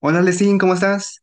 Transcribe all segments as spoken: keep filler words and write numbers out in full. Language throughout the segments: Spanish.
Hola, Lesin, ¿cómo estás?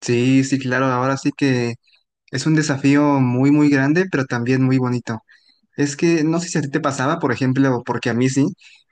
Sí, sí, claro, ahora sí que es un desafío muy, muy grande, pero también muy bonito. Es que no sé si a ti te pasaba, por ejemplo, porque a mí sí.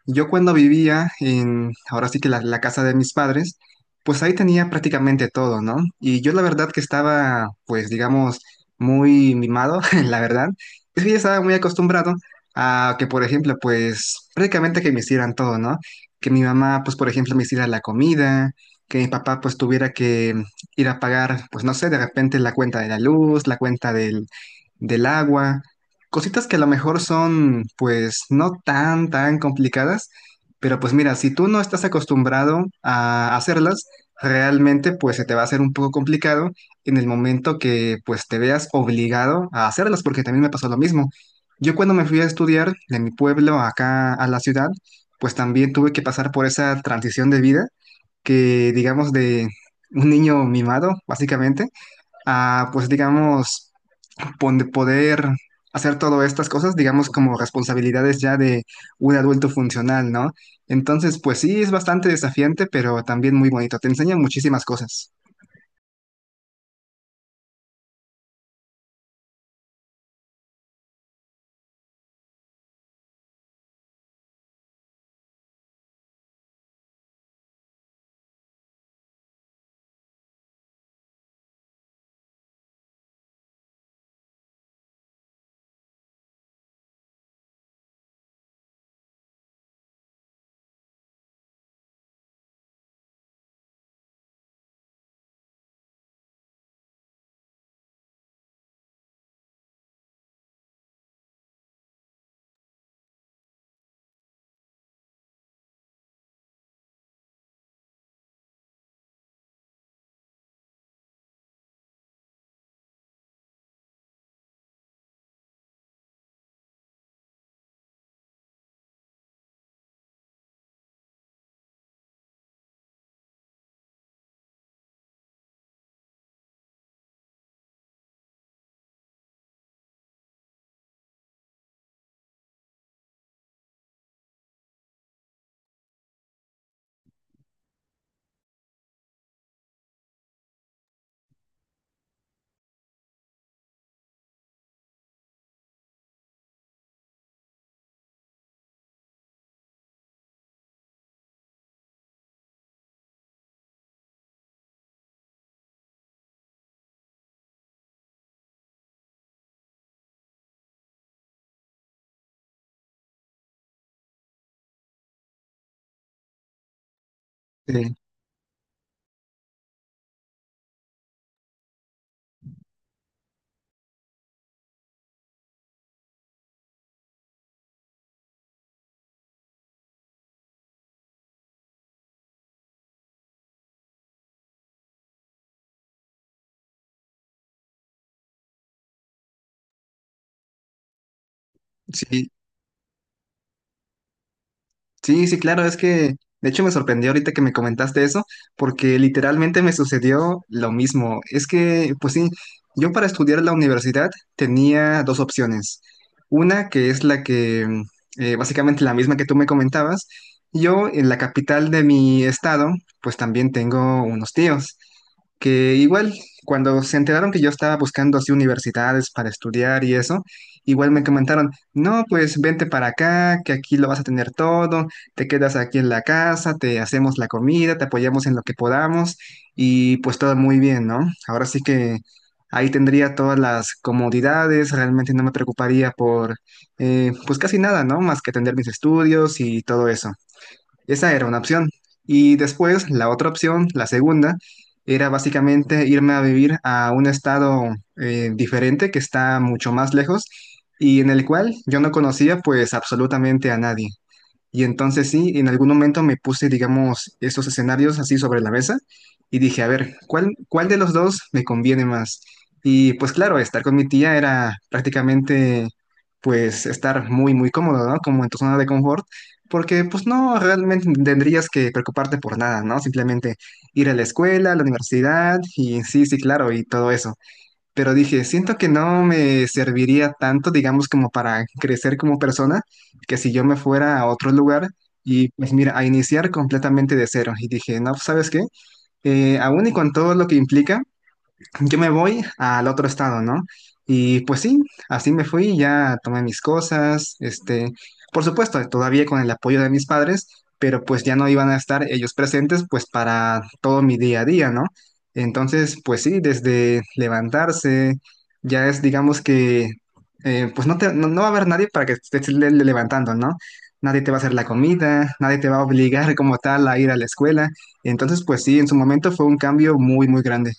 Yo cuando vivía en, ahora sí que la, la casa de mis padres, pues ahí tenía prácticamente todo, ¿no? Y yo la verdad que estaba, pues digamos, muy mimado, la verdad. Es que ya estaba muy acostumbrado a que, por ejemplo, pues prácticamente que me hicieran todo, ¿no? Que mi mamá, pues por ejemplo, me hiciera la comida, que mi papá pues tuviera que ir a pagar, pues no sé, de repente la cuenta de la luz, la cuenta del del agua. Cositas que a lo mejor son, pues, no tan, tan complicadas, pero pues mira, si tú no estás acostumbrado a hacerlas, realmente pues se te va a hacer un poco complicado en el momento que pues te veas obligado a hacerlas, porque también me pasó lo mismo. Yo cuando me fui a estudiar de mi pueblo acá a la ciudad, pues también tuve que pasar por esa transición de vida que digamos de un niño mimado, básicamente, a pues digamos donde poder hacer todas estas cosas, digamos, como responsabilidades ya de un adulto funcional, ¿no? Entonces, pues sí, es bastante desafiante, pero también muy bonito. Te enseña muchísimas cosas. Eh, Sí, sí, sí, claro, es que de hecho me sorprendió ahorita que me comentaste eso, porque literalmente me sucedió lo mismo. Es que, pues sí, yo para estudiar en la universidad tenía dos opciones. Una que es la que, mm, eh, básicamente la misma que tú me comentabas. Yo en la capital de mi estado, pues también tengo unos tíos que igual cuando se enteraron que yo estaba buscando así universidades para estudiar y eso, igual me comentaron, no, pues vente para acá, que aquí lo vas a tener todo, te quedas aquí en la casa, te hacemos la comida, te apoyamos en lo que podamos y pues todo muy bien, ¿no? Ahora sí que ahí tendría todas las comodidades, realmente no me preocuparía por eh, pues casi nada, ¿no? Más que atender mis estudios y todo eso. Esa era una opción. Y después la otra opción, la segunda, era básicamente irme a vivir a un estado eh, diferente que está mucho más lejos y en el cual yo no conocía pues absolutamente a nadie. Y entonces sí, en algún momento me puse, digamos, estos escenarios así sobre la mesa y dije, a ver, ¿cuál, cuál de los dos me conviene más? Y pues claro, estar con mi tía era prácticamente, pues, estar muy, muy cómodo, ¿no? Como en tu zona de confort, porque pues no, realmente tendrías que preocuparte por nada, ¿no? Simplemente ir a la escuela, a la universidad y sí, sí, claro, y todo eso, pero dije, siento que no me serviría tanto, digamos, como para crecer como persona, que si yo me fuera a otro lugar y pues mira, a iniciar completamente de cero. Y dije, no, pues, ¿sabes qué? Eh, aún y con todo lo que implica, yo me voy al otro estado, ¿no? Y pues sí, así me fui, ya tomé mis cosas, este, por supuesto, todavía con el apoyo de mis padres, pero pues ya no iban a estar ellos presentes pues para todo mi día a día, ¿no? Entonces, pues sí, desde levantarse, ya es, digamos que, eh, pues no, te- no, no va a haber nadie para que te estés le- le- levantando, ¿no? Nadie te va a hacer la comida, nadie te va a obligar como tal a ir a la escuela. Entonces, pues sí, en su momento fue un cambio muy, muy grande.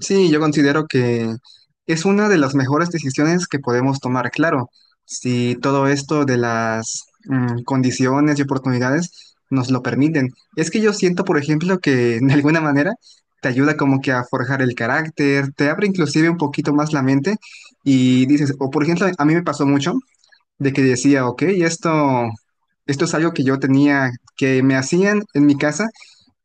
Sí, yo considero que es una de las mejores decisiones que podemos tomar. Claro, si todo esto de las mm, condiciones y oportunidades nos lo permiten. Es que yo siento, por ejemplo, que de alguna manera te ayuda como que a forjar el carácter, te abre inclusive un poquito más la mente y dices, o por ejemplo, a mí me pasó mucho de que decía, ok, esto, esto es algo que yo tenía, que me hacían en mi casa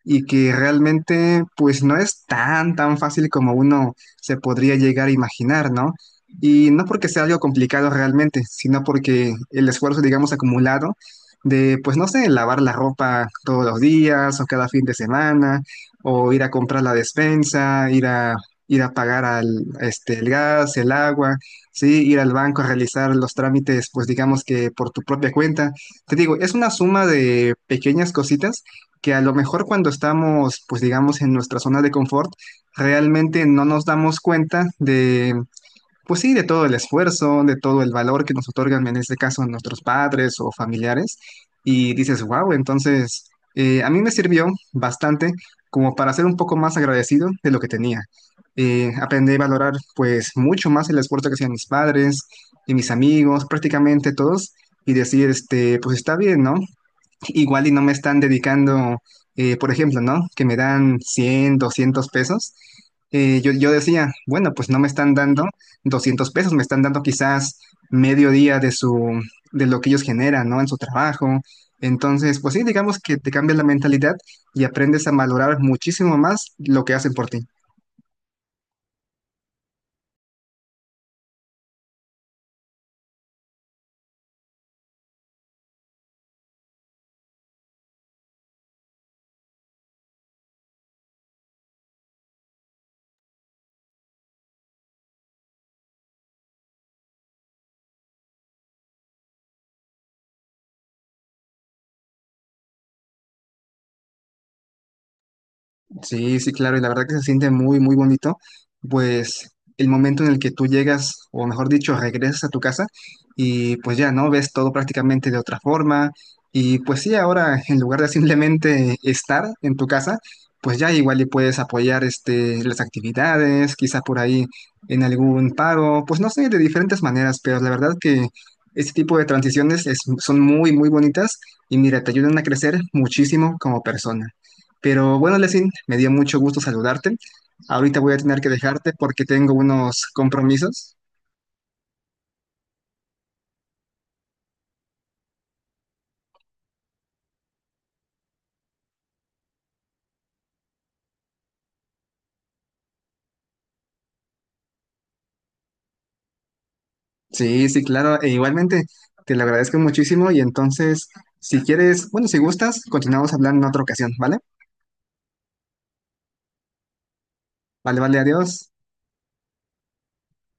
y que realmente pues no es tan tan fácil como uno se podría llegar a imaginar, ¿no? Y no porque sea algo complicado realmente, sino porque el esfuerzo, digamos, acumulado de, pues no sé, lavar la ropa todos los días o cada fin de semana, o ir a comprar la despensa, ir a, ir a pagar al, este, el gas, el agua, ¿sí? Ir al banco a realizar los trámites, pues digamos que por tu propia cuenta. Te digo, es una suma de pequeñas cositas que a lo mejor cuando estamos, pues digamos, en nuestra zona de confort, realmente no nos damos cuenta de, pues sí, de todo el esfuerzo, de todo el valor que nos otorgan, en este caso, nuestros padres o familiares, y dices, wow, entonces eh, a mí me sirvió bastante como para ser un poco más agradecido de lo que tenía. Eh, aprendí a valorar pues mucho más el esfuerzo que hacían mis padres y mis amigos, prácticamente todos, y decir, este, pues está bien, ¿no? Igual y no me están dedicando, eh, por ejemplo, ¿no? Que me dan cien doscientos pesos. Eh, yo, yo decía, bueno, pues no me están dando doscientos pesos, me están dando quizás medio día de su, de lo que ellos generan, ¿no? En su trabajo. Entonces, pues sí, digamos que te cambia la mentalidad y aprendes a valorar muchísimo más lo que hacen por ti. Sí, sí, claro, y la verdad que se siente muy, muy bonito, pues el momento en el que tú llegas, o mejor dicho, regresas a tu casa y pues ya, ¿no? Ves todo prácticamente de otra forma y pues sí, ahora en lugar de simplemente estar en tu casa, pues ya igual le puedes apoyar este, las actividades, quizá por ahí en algún paro, pues no sé, de diferentes maneras, pero la verdad que este tipo de transiciones es- son muy, muy bonitas y mira, te ayudan a crecer muchísimo como persona. Pero bueno, Lesin, me dio mucho gusto saludarte. Ahorita voy a tener que dejarte porque tengo unos compromisos. Sí, sí, claro. E igualmente, te lo agradezco muchísimo. Y entonces, si quieres, bueno, si gustas, continuamos hablando en otra ocasión, ¿vale? Vale, vale, adiós.